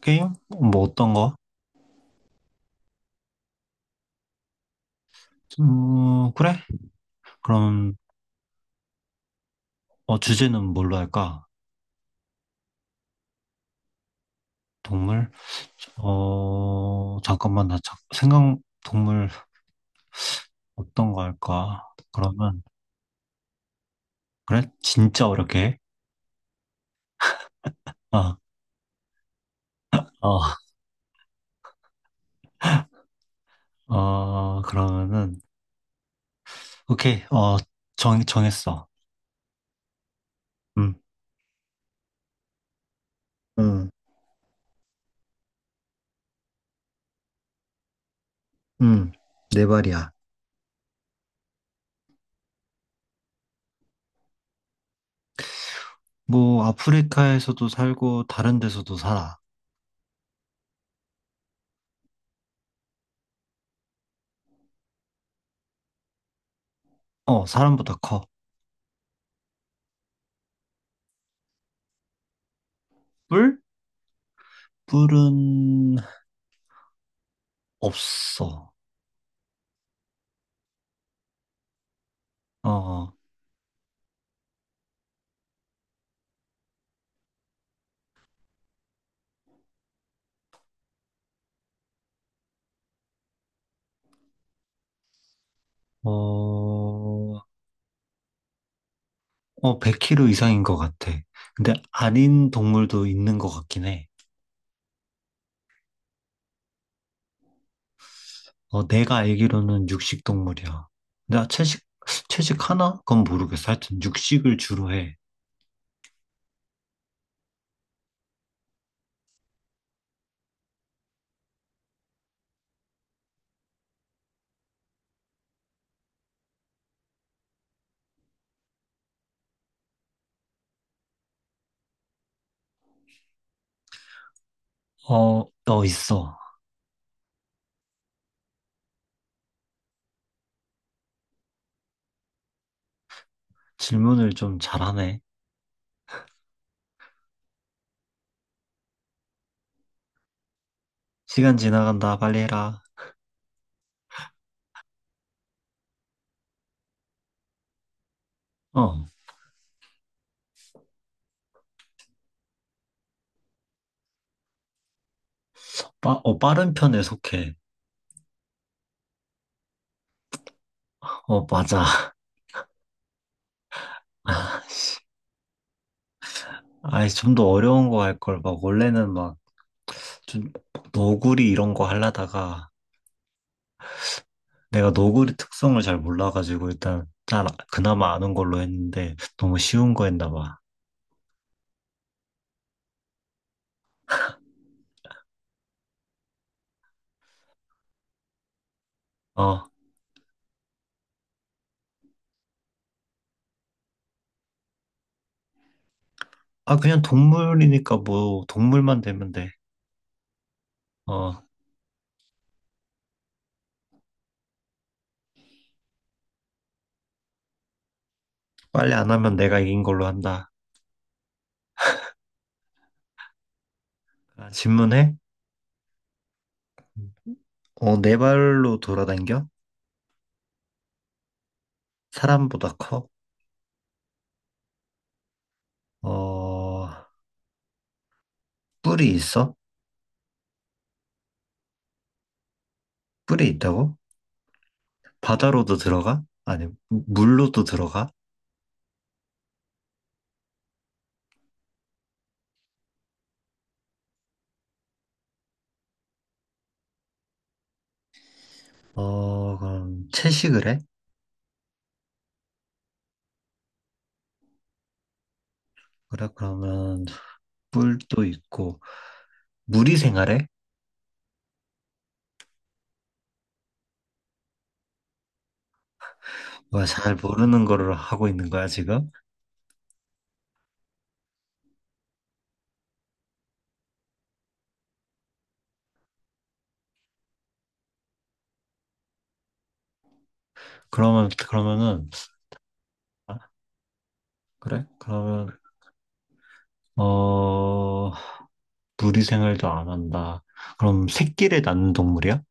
게임? 뭐 어떤 거? 그래? 그럼 주제는 뭘로 할까? 동물? 잠깐만 나 생각. 동물 어떤 거 할까? 그러면. 그래? 진짜 어렵게? 해? 아, 어, 그러면은 오케이. 정 정했어. 음, 응, 응, 네 발이야. 뭐 아프리카에서도 살고 다른 데서도 살아. 어, 사람보다 커. 뿔? 뿔은 없어. 어. 어. 어, 100kg 이상인 것 같아. 근데 아닌 동물도 있는 것 같긴 해. 어, 내가 알기로는 육식 동물이야. 나 채식 하나? 그건 모르겠어. 하여튼 육식을 주로 해. 어, 어, 있어. 질문을 좀 잘하네. 시간 지나간다. 빨리 해라. 어, 빠른 편에 속해. 어, 맞아. 아이, 좀 더 어려운 거 할 걸. 막, 원래는 막, 좀, 너구리 이런 거 하려다가, 내가 너구리 특성을 잘 몰라가지고 일단 난 그나마 아는 걸로 했는데 너무 쉬운 거 했나 봐. 어, 아 그냥 동물이니까 뭐 동물만 되면 돼. 어, 빨리 안 하면 내가 이긴 걸로 한다. 아, 질문해? 음. 어, 네 발로 돌아다녀? 사람보다 커? 어, 뿔이 있어? 뿔이 있다고? 바다로도 들어가? 아니, 물로도 들어가? 어, 그럼 채식을 해? 그래, 그러면 뿔도 있고, 물이 생활해? 뭐잘 모르는 거를 하고 있는 거야, 지금? 그러면은, 아, 그래? 그러면, 어, 무리 생활도 안 한다. 그럼 새끼를 낳는 동물이야?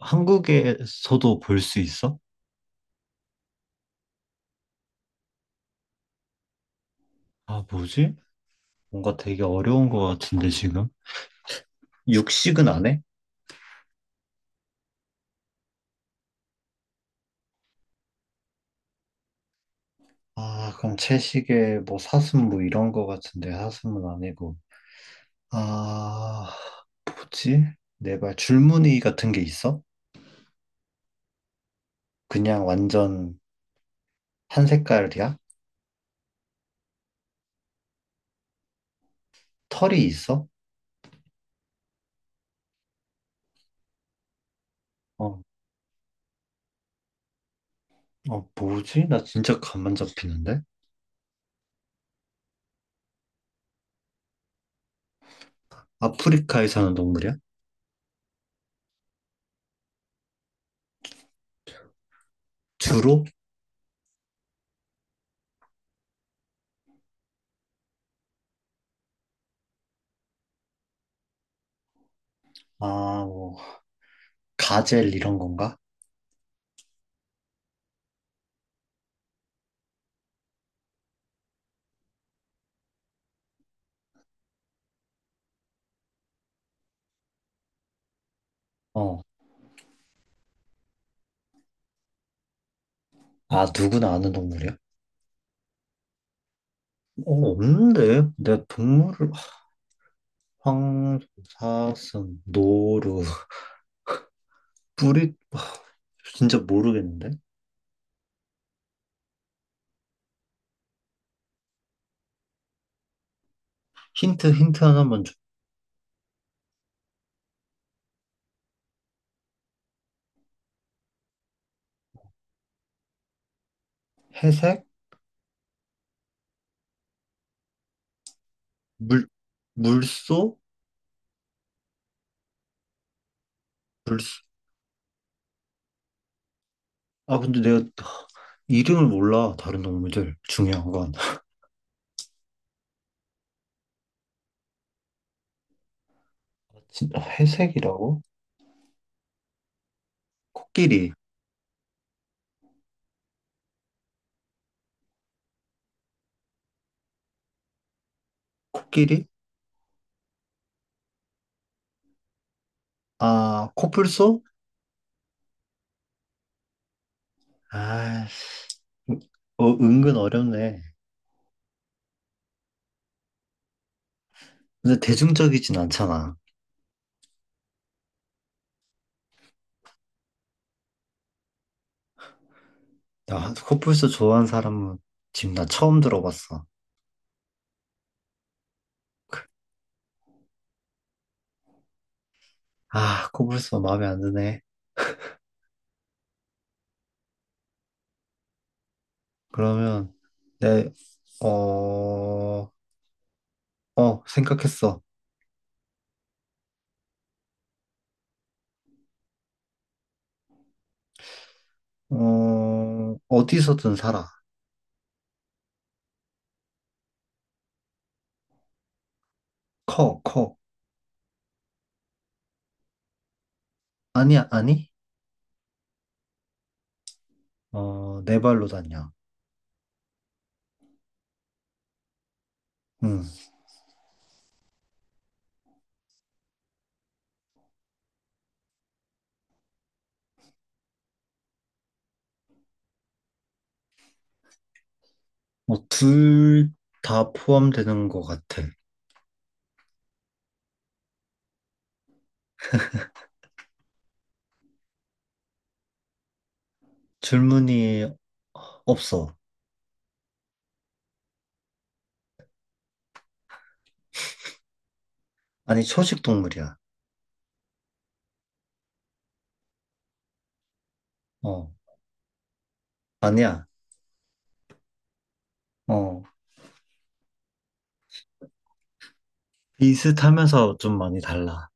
한국에서도 볼 수 있어? 아, 뭐지? 뭔가 되게 어려운 거 같은데, 지금? 육식은 안 해? 아, 그럼 채식에 뭐 사슴 뭐 이런 거 같은데, 사슴은 아니고. 아, 뭐지? 내발 줄무늬 같은 게 있어? 그냥 완전 한 색깔이야? 털이 있어? 어, 뭐지? 나 진짜 감만 잡히는데? 아프리카에 사는 동물이야? 주로? 아, 뭐, 가젤 이런 건가? 어. 아, 누구나 아는 동물이야? 어, 없는데? 내 동물을, 황, 사슴, 노루, 뿌리, 아, 진짜 모르겠는데? 힌트 하나만 줘. 회색? 물, 물소? 물소? 아, 근데 내가 이름을 몰라, 다른 동물들. 중요한 건. 아, 진짜 회색이라고? 코끼리. 코끼리? 아, 코뿔소? 아, 어, 은근 어렵네. 근데 대중적이진 않잖아. 나 코뿔소 좋아하는 사람은 지금 나 처음 들어봤어. 아, 코뿔소 마음에 안 드네. 그러면, 내, 어, 생각했어. 어, 어디서든 살아. 커, 커. 아니야, 아니? 어, 네 발로 다녀. 응. 뭐, 둘 다 포함되는 것 같아. 질문이 없어. 아니, 초식 동물이야. 어, 아니야. 어, 비슷하면서 좀 많이 달라.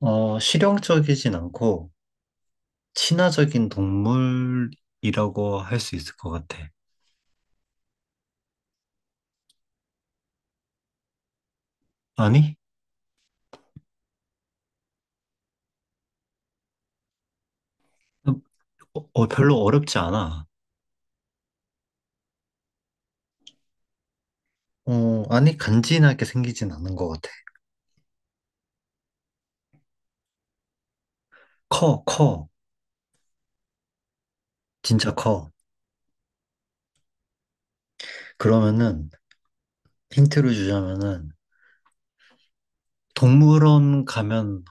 어, 실용적이진 않고, 친화적인 동물이라고 할 수 있을 것 같아. 아니? 어, 별로 어렵지 않아. 어, 아니, 간지나게 생기진 않은 것 같아. 커, 커. 진짜 커. 그러면은, 힌트를 주자면은, 동물원 가면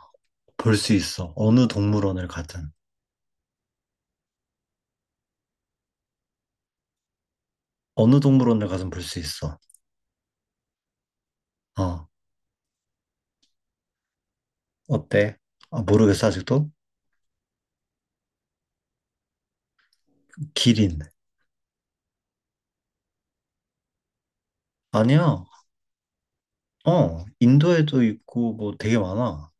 볼 수 있어. 어느 동물원을 가든. 어느 동물원을 가든 볼 수 있어. 어, 어때? 아, 모르겠어, 아직도? 기린. 아니야. 어, 인도에도 있고 뭐 되게 많아.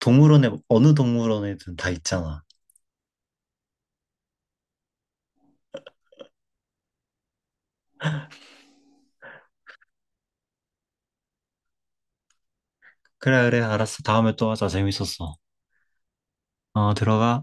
동물원에 어느 동물원에든 다 있잖아. 그래 그래 알았어. 다음에 또 하자. 재밌었어. 어, 들어가.